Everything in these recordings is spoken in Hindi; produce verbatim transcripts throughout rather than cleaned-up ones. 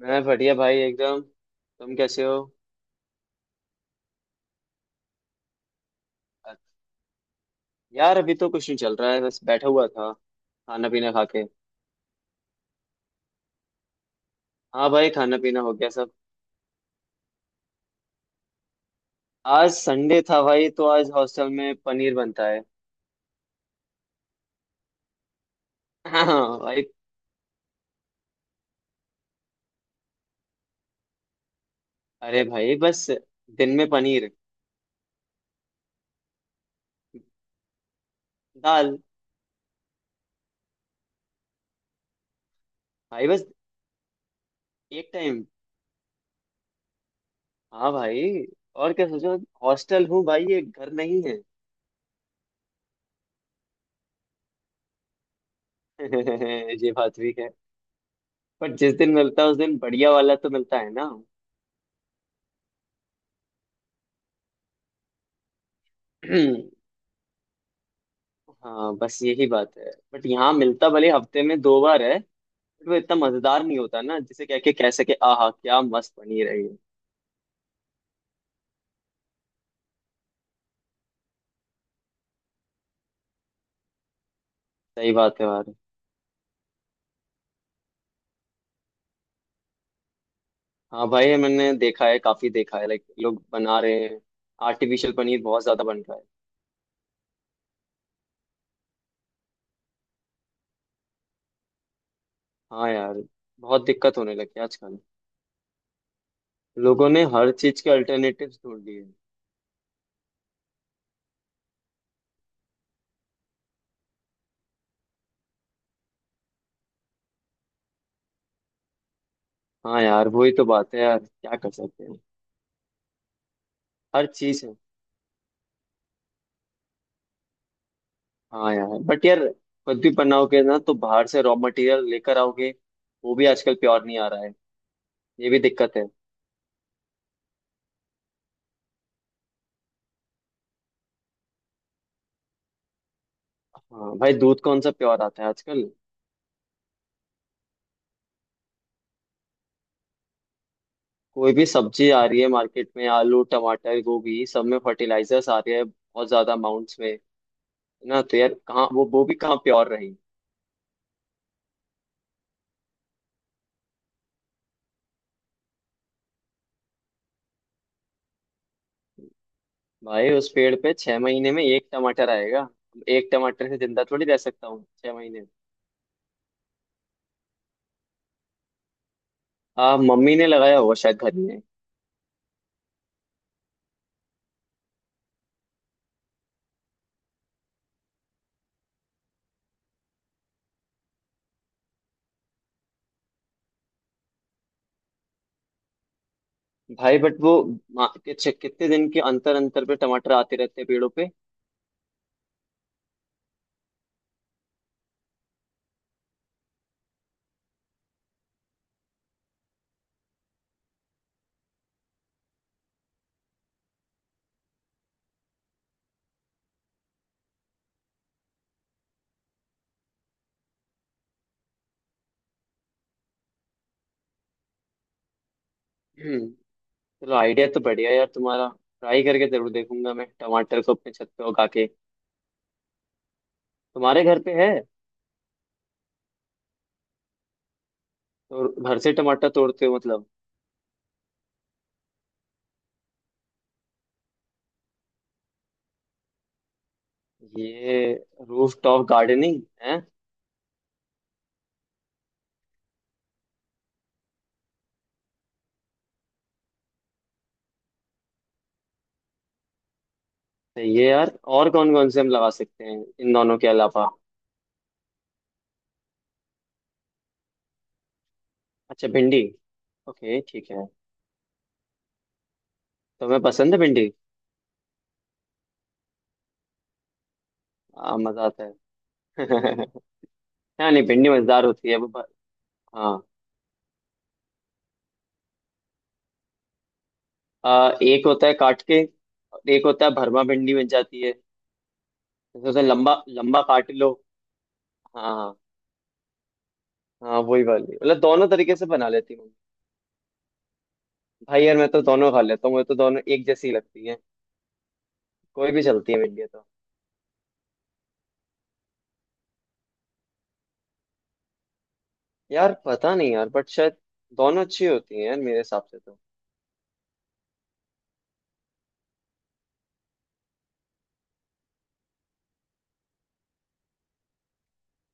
मैं बढ़िया भाई एकदम। तुम कैसे हो? अच्छा। यार अभी तो कुछ नहीं चल रहा है, बस बैठा हुआ था, खाना पीना खा के। हाँ भाई, खाना पीना हो गया सब। आज संडे था भाई, तो आज हॉस्टल में पनीर बनता है। हाँ भाई। अरे भाई बस, दिन में पनीर। दाल। भाई बस, एक टाइम। हाँ भाई। और क्या सोचो, हॉस्टल हूँ भाई, ये घर नहीं है। ये बात भी है। पर जिस दिन मिलता है उस दिन बढ़िया वाला तो मिलता है ना। हाँ बस यही बात है, बट यहाँ मिलता भले हफ्ते में दो बार है, बट वो इतना मजेदार नहीं होता ना जिसे कह के कह सके आहा क्या मस्त बनी रही है। सही बात है यार। हाँ भाई, मैंने देखा है, काफी देखा है, लाइक लोग बना रहे हैं। आर्टिफिशियल पनीर बहुत ज्यादा बन रहा है। हाँ यार, बहुत दिक्कत होने लगी है आजकल। लोगों ने हर चीज के अल्टरनेटिव्स ढूंढ लिए। हाँ यार, वही तो बात है यार, क्या कर सकते हैं। हर चीज है। हाँ यार बट यार, खुद भी बनाओगे ना तो बाहर से रॉ मटेरियल लेकर आओगे। वो भी आजकल प्योर नहीं आ रहा है। ये भी दिक्कत है। हाँ भाई, दूध कौन सा प्योर आता है आजकल। कोई भी सब्जी आ रही है मार्केट में, आलू टमाटर गोभी, सब में फर्टिलाइजर्स आ रहे हैं बहुत ज्यादा अमाउंट्स में है। ना तो यार कहाँ वो वो भी कहाँ प्योर रही। भाई उस पेड़ पे छह महीने में एक टमाटर आएगा। एक टमाटर से जिंदा थोड़ी रह सकता हूँ छह महीने। हाँ मम्मी ने लगाया होगा शायद घर में। भाई बट वो मा- कि- छ- कितने दिन के अंतर अंतर पे टमाटर आते रहते हैं पेड़ों पे? हम्म, चलो आइडिया तो बढ़िया है यार तुम्हारा। ट्राई करके जरूर देखूंगा मैं, टमाटर को अपने छत पे उगा के। तुम्हारे घर पे है? तो घर से टमाटर तोड़ते हो मतलब? ये रूफ टॉप गार्डनिंग है। सही है यार। और कौन कौन से हम लगा सकते हैं इन दोनों के अलावा? अच्छा, भिंडी। ओके ठीक है। तुम्हें पसंद है भिंडी? आ, मजा आता है। हाँ नहीं, भिंडी मजेदार होती है। वो भ- हाँ। आ, एक होता है काट के, और एक होता है भरमा भिंडी बन जाती है। जैसे उसे लंबा लंबा काट लो। हाँ। हाँ वही वाली मतलब, दोनों तरीके से बना लेती हूँ। भाई यार मैं तो दोनों खा लेता हूँ, मुझे तो दोनों एक जैसी लगती है। कोई भी चलती है, इंडिया तो। यार पता नहीं यार, बट शायद दोनों अच्छी होती हैं यार मेरे हिसाब से तो।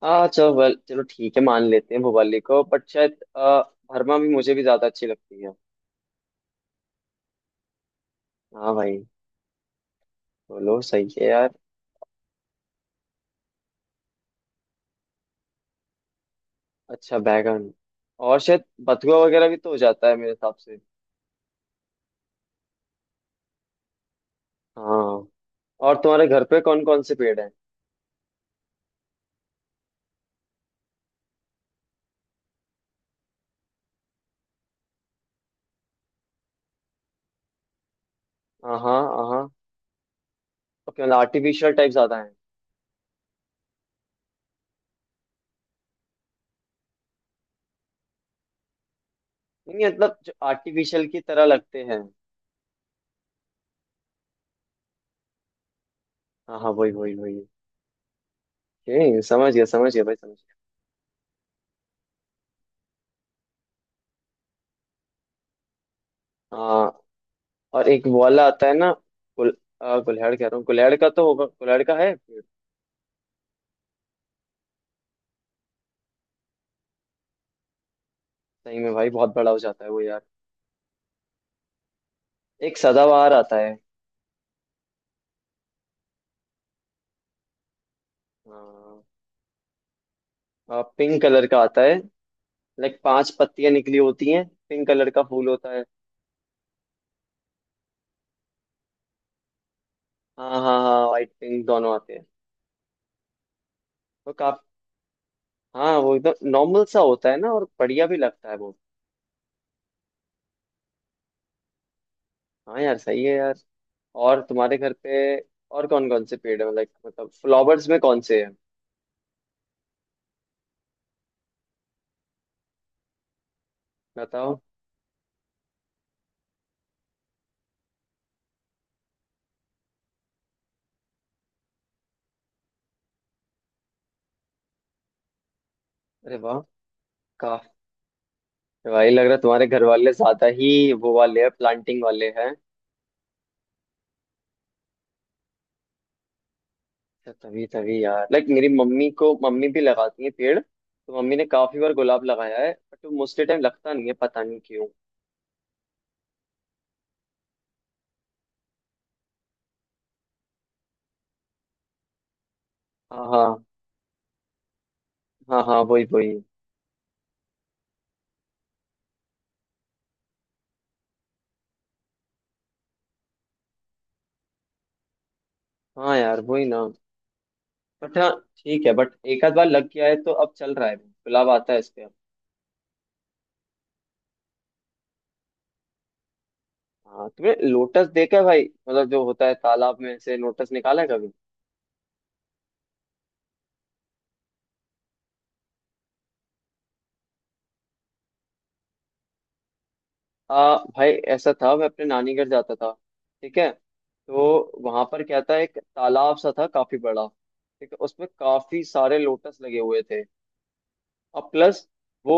हाँ चलो well, चलो ठीक है, मान लेते हैं भोपाली को, बट शायद अ, भरमा भी मुझे भी ज्यादा अच्छी लगती है। हाँ भाई, बोलो सही है यार। अच्छा बैगन। और शायद बथुआ वगैरह भी तो हो जाता है मेरे हिसाब से। हाँ। और तुम्हारे घर पे कौन कौन से पेड़ हैं? हाँ हाँ हाँ। ओके, मतलब आर्टिफिशियल टाइप ज्यादा है। नहीं मतलब जो आर्टिफिशियल की तरह लगते हैं। हाँ हाँ, वही वही वही। ओके, समझ गया समझ गया भाई, समझ गया। हाँ। और एक वो वाला आता है ना, गुल, आ, गुल्हाड़ कह रहा हूँ। गुल्हाड़ का तो होगा, गुल्हाड़ का है पेड़? सही में भाई, बहुत बड़ा हो जाता है वो यार। एक सदाबहार आता है। हाँ। आ, पिंक कलर का आता है। लाइक पांच पत्तियां निकली होती हैं, पिंक कलर का फूल होता है। हाँ हाँ हाँ, वाइट पिंक दोनों आते हैं। वो काफ, हाँ वो एकदम नॉर्मल सा होता है ना, और बढ़िया भी लगता है वो। हाँ यार, सही है यार। और तुम्हारे घर पे और कौन कौन से पेड़ है? लाइक मतलब फ्लावर्स में कौन से हैं? बताओ। अरे वाह! भाई लग रहा है तुम्हारे घर वाले ज्यादा ही वो वाले हैं, प्लांटिंग वाले हैं। तो तभी तभी यार, लाइक मेरी मम्मी को, मम्मी भी लगाती है पेड़, तो मम्मी ने काफी बार गुलाब लगाया है, बट वो मोस्टली टाइम लगता नहीं है, पता नहीं क्यों। हाँ हाँ। हाँ हाँ, वही वही। हाँ यार, वही ना। बट हाँ, ठीक है, बट एक आध बार लग गया है तो अब चल रहा है, गुलाब आता है इस पे अब। हाँ तुमने लोटस देखा है भाई? मतलब जो होता है तालाब में से, लोटस निकाला है कभी? आ, भाई ऐसा था, मैं अपने नानी घर जाता था, ठीक है, तो वहां पर क्या था एक तालाब सा था काफी बड़ा, ठीक है, उसमें काफी सारे लोटस लगे हुए थे। और प्लस वो,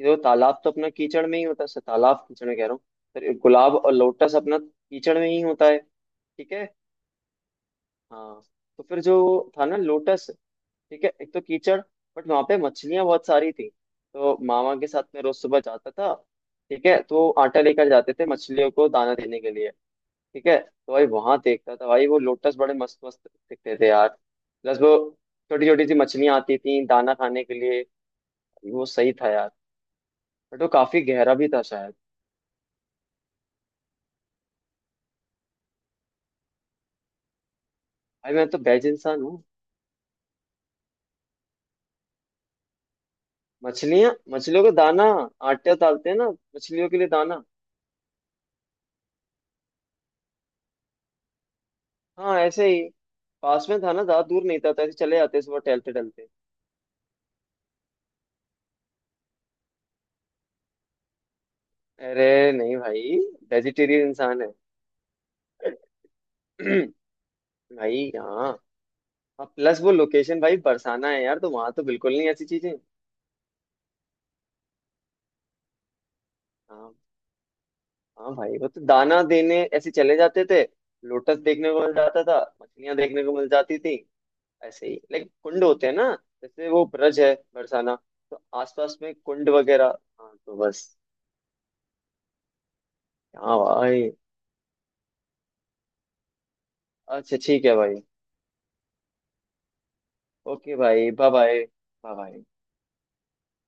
जो तालाब तो अपना कीचड़ में ही होता है, तालाब कीचड़ में कह रहा हूँ, फिर गुलाब और लोटस अपना कीचड़ में ही होता है, ठीक है। हाँ तो फिर जो था ना लोटस, ठीक है, एक तो कीचड़, बट वहां पे मछलियां बहुत सारी थी, तो मामा के साथ में रोज सुबह जाता था, ठीक है, तो आटा लेकर जाते थे मछलियों को दाना देने के लिए, ठीक है, तो भाई वहां देखता था भाई वो लोटस बड़े मस्त मस्त दिखते थे यार। प्लस वो छोटी छोटी सी मछलियां आती थी दाना खाने के लिए, वो सही था यार। बट वो काफी गहरा भी था शायद। भाई मैं तो बेज इंसान हूँ। मछलियां, मछलियों को दाना, आटा डालते हैं ना मछलियों के लिए दाना। हाँ ऐसे ही, पास में था ना, ज्यादा दूर नहीं था, तो ऐसे चले जाते सुबह टहलते टहलते। अरे नहीं भाई, वेजिटेरियन इंसान है। भाई यहाँ, और प्लस वो लोकेशन भाई बरसाना है यार, तो वहां तो बिल्कुल नहीं ऐसी चीजें। हाँ। हाँ भाई, वो तो दाना देने ऐसे चले जाते थे, लोटस देखने को मिल जाता था, मछलियां देखने को मिल जाती थी। ऐसे ही लाइक कुंड होते हैं ना, जैसे वो ब्रज है बरसाना, तो आसपास में कुंड वगैरह, हाँ तो बस। हाँ भाई। अच्छा ठीक है भाई। ओके भाई, बाय बाय बाय।